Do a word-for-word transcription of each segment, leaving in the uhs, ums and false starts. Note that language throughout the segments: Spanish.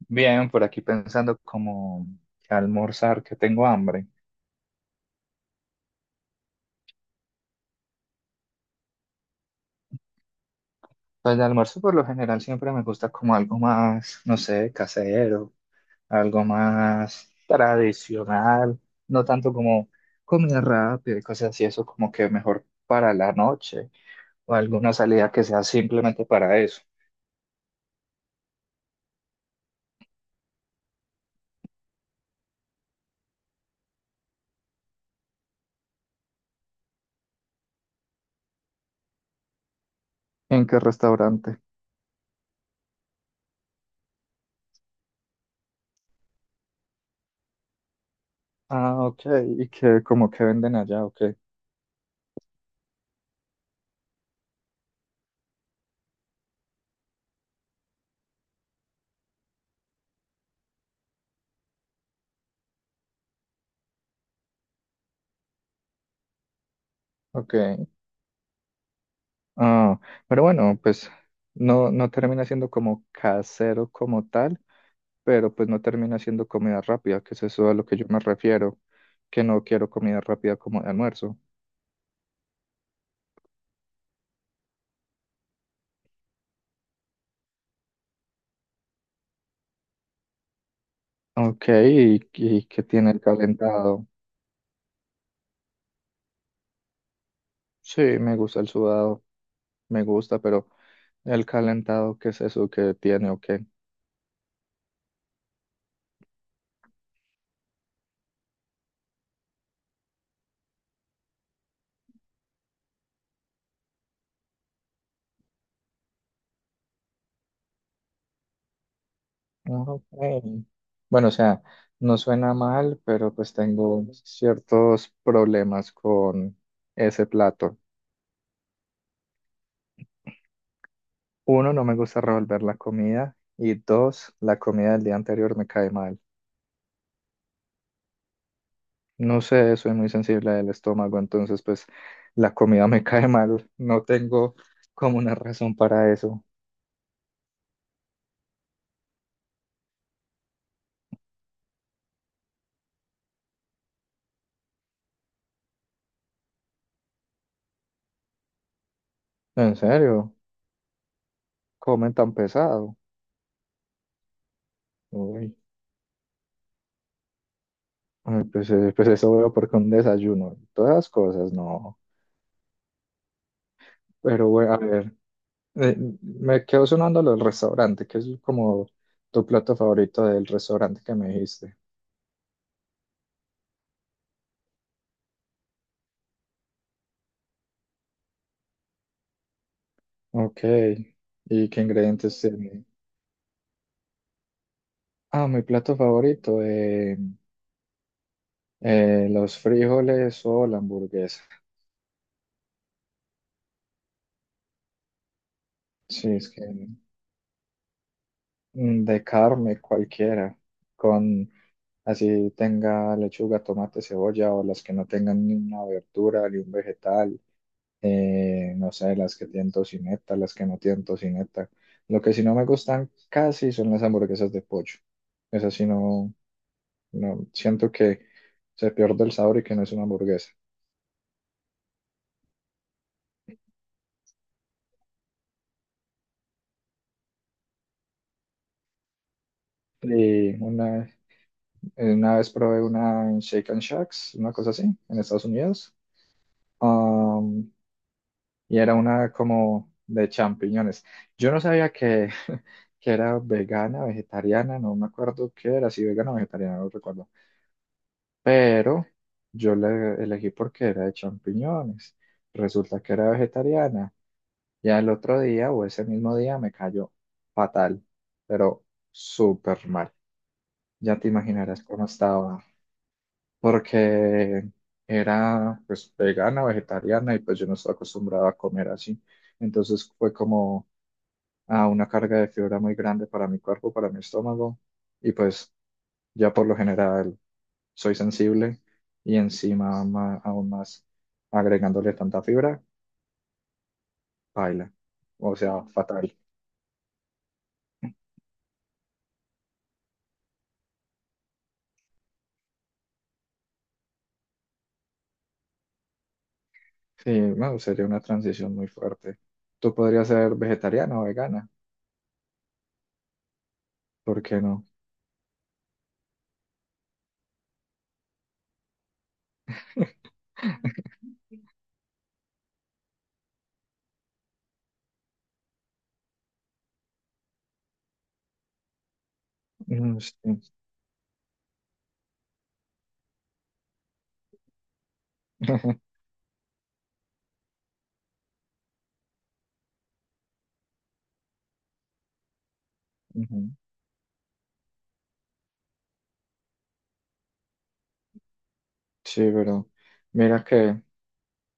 Bien, por aquí pensando como que almorzar, que tengo hambre. Pues de almuerzo por lo general siempre me gusta como algo más, no sé, casero, algo más tradicional, no tanto como comida rápida y cosas así, eso como que mejor para la noche o alguna salida que sea simplemente para eso. ¿En qué restaurante? Ah, ok, y que como que venden allá, ok, ok. Ah, pero bueno, pues no, no termina siendo como casero como tal, pero pues no termina siendo comida rápida, que es eso a lo que yo me refiero, que no quiero comida rápida como de almuerzo. Ok, ¿y, y qué tiene el calentado? Sí, me gusta el sudado, me gusta, pero el calentado, ¿qué es eso que tiene o qué? Ok. Bueno, o sea, no suena mal, pero pues tengo ciertos problemas con ese plato. Uno, no me gusta revolver la comida y dos, la comida del día anterior me cae mal. No sé, soy muy sensible del estómago, entonces pues la comida me cae mal. No tengo como una razón para eso. ¿En serio, comen tan pesado? Uy, ay, pues, eh, pues eso veo porque un desayuno, todas las cosas, no. Pero bueno, a ver, eh, me quedo sonando lo del restaurante, que es como tu plato favorito del restaurante que me dijiste. Ok, ¿y qué ingredientes tiene? Ah, mi plato favorito. Eh, Eh, los frijoles o la hamburguesa. Sí, es que mm, de carne cualquiera, con así tenga lechuga, tomate, cebolla o las que no tengan ni una verdura ni un vegetal, eh, no sé, las que tienen tocineta, las que no tienen tocineta. Lo que sí no me gustan casi son las hamburguesas de pollo. Esas sí no, no siento que se pierde el sabor y que no es una hamburguesa. Y una Eh, Una vez probé una en Shake and Shacks, una cosa así, en Estados Unidos. Um, y era una como de champiñones. Yo no sabía que, que era vegana, vegetariana, no me acuerdo qué era, si vegana o vegetariana, no recuerdo. Pero yo la elegí porque era de champiñones. Resulta que era vegetariana. Ya el otro día o ese mismo día me cayó fatal, pero súper mal. Ya te imaginarás cómo estaba. Porque era pues vegana, vegetariana y pues yo no estaba acostumbrado a comer así. Entonces fue como ah, una carga de fibra muy grande para mi cuerpo, para mi estómago y pues ya por lo general soy sensible y encima ma- aún más agregándole tanta fibra, baila, o sea, fatal. Sí, bueno sería una transición muy fuerte. Tú podrías ser vegetariana o vegana, ¿por qué no? Mm, sí. Ujú. Sí, pero mira que,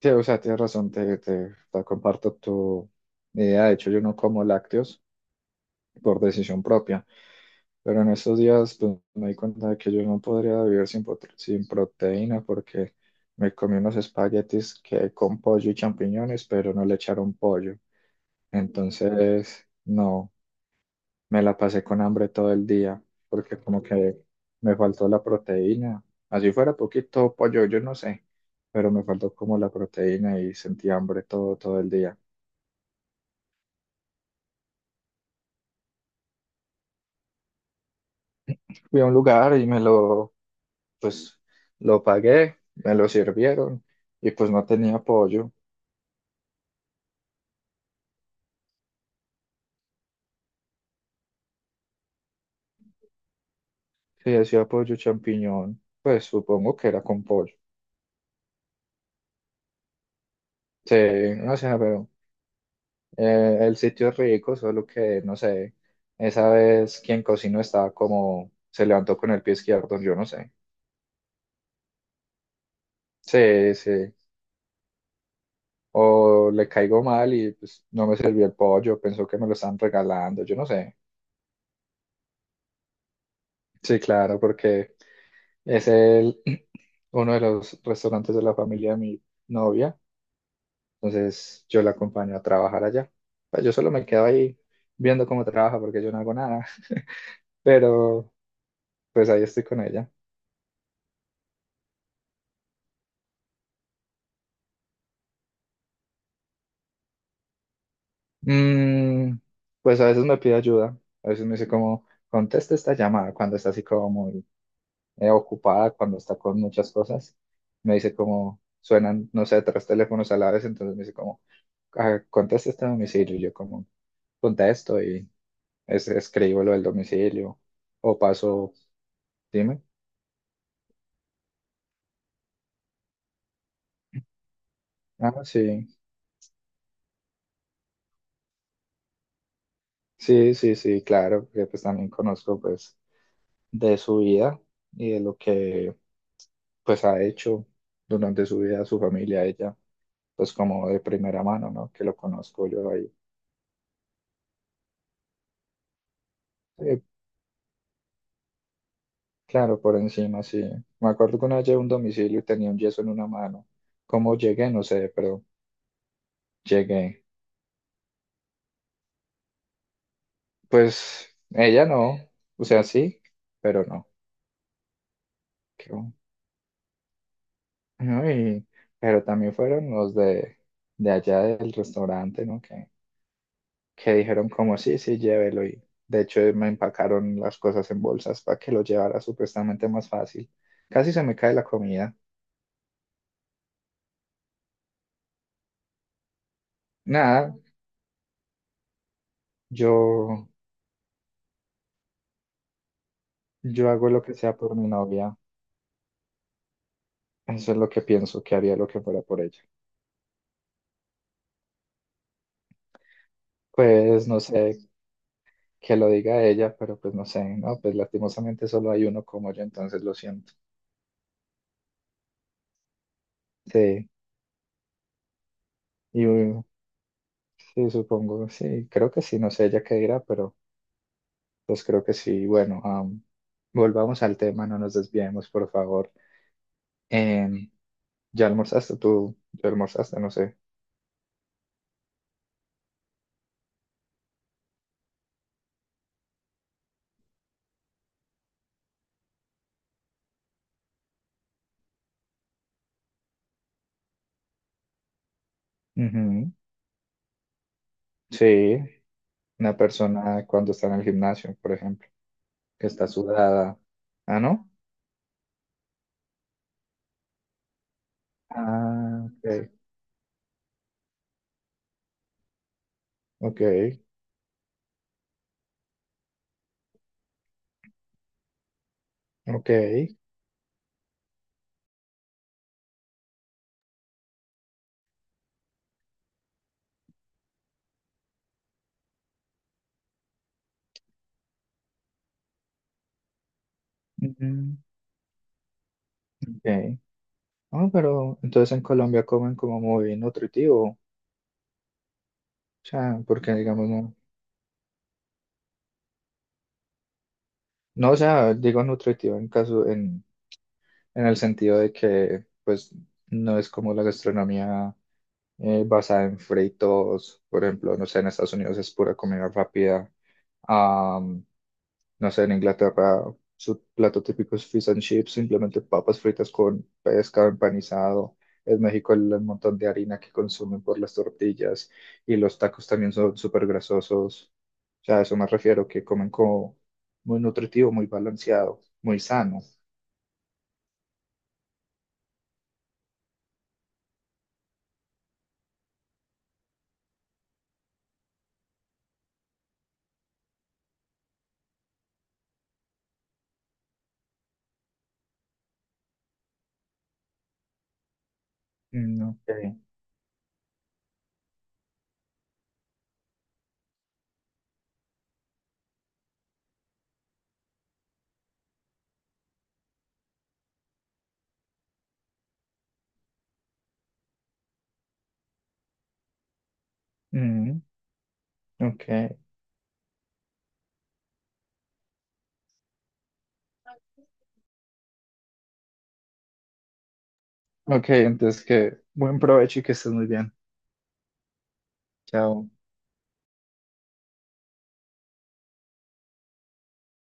sí, o sea, tienes razón, te, te, te comparto tu idea. De hecho, yo no como lácteos por decisión propia, pero en estos días pues, me di cuenta de que yo no podría vivir sin, prote- sin proteína porque me comí unos espaguetis que con pollo y champiñones, pero no le echaron pollo. Entonces, no. Me la pasé con hambre todo el día porque como que me faltó la proteína. Así fuera poquito pollo, yo no sé, pero me faltó como la proteína y sentí hambre todo, todo el día. Fui a un lugar y me lo, pues, lo pagué, me lo sirvieron y pues no tenía pollo. Sí, decía pollo champiñón, pues supongo que era con pollo. Sí, no sé, pero Eh, el sitio es rico, solo que no sé, esa vez quien cocinó estaba como se levantó con el pie izquierdo, yo no sé. Sí, sí. O le caigo mal y pues no me sirvió el pollo, pensó que me lo estaban regalando, yo no sé. Sí, claro, porque es el uno de los restaurantes de la familia de mi novia, entonces yo la acompaño a trabajar allá. Pues yo solo me quedo ahí viendo cómo trabaja porque yo no hago nada, pero pues ahí estoy con ella. Mm, pues a veces me pide ayuda, a veces me dice como, contesta esta llamada cuando está así como muy eh, ocupada, cuando está con muchas cosas. Me dice como, suenan, no sé, tres teléfonos a la vez, entonces me dice como, "Ah, contesta este domicilio". Y yo como, contesto y es, escribo lo del domicilio o paso, dime. Ah, sí, sí, sí, sí, claro, porque pues también conozco pues de su vida y de lo que pues ha hecho durante su vida, su familia, ella. Pues como de primera mano, ¿no? Que lo conozco yo ahí. Eh, claro, por encima, sí. Me acuerdo que una vez llegué a un domicilio y tenía un yeso en una mano. ¿Cómo llegué? No sé, pero llegué. Pues ella no, o sea, sí, pero no. Qué bo- No, y- pero también fueron los de, de allá del restaurante, ¿no? Que, que dijeron como, sí, sí, llévelo. Y de hecho me empacaron las cosas en bolsas para que lo llevara supuestamente más fácil. Casi se me cae la comida. Nada, yo yo hago lo que sea por mi novia. Eso es lo que pienso, que haría lo que fuera por ella. Pues no sé que lo diga ella, pero pues no sé, ¿no? Pues lastimosamente solo hay uno como yo, entonces lo siento. Sí, y uh, sí, supongo, sí, creo que sí, no sé ella qué dirá, pero pues creo que sí. Bueno, am, volvamos al tema, no nos desviemos, por favor. Em, ¿Ya almorzaste tú? ¿Ya almorzaste? No sé. Ujú. Sí, una persona cuando está en el gimnasio, por ejemplo. Que está sudada. Ah, ¿no? Ah, ok, ok, ok. Ujú, ok. Ah, pero entonces en Colombia comen como muy nutritivo. O sea, porque digamos no. No, o sea, digo nutritivo en caso, en, en el sentido de que pues no es como la gastronomía. Eh, basada en fritos, por ejemplo, no sé, en Estados Unidos es pura comida rápida, am, no sé, en Inglaterra su plato típico es fish and chips, simplemente papas fritas con pescado empanizado. En México el, el montón de harina que consumen por las tortillas y los tacos también son súper grasosos. O sea, a eso me refiero, que comen como muy nutritivo, muy balanceado, muy sano. Mm, ok. Mm, ok. Ok, entonces que buen provecho y que estés muy bien. Chao.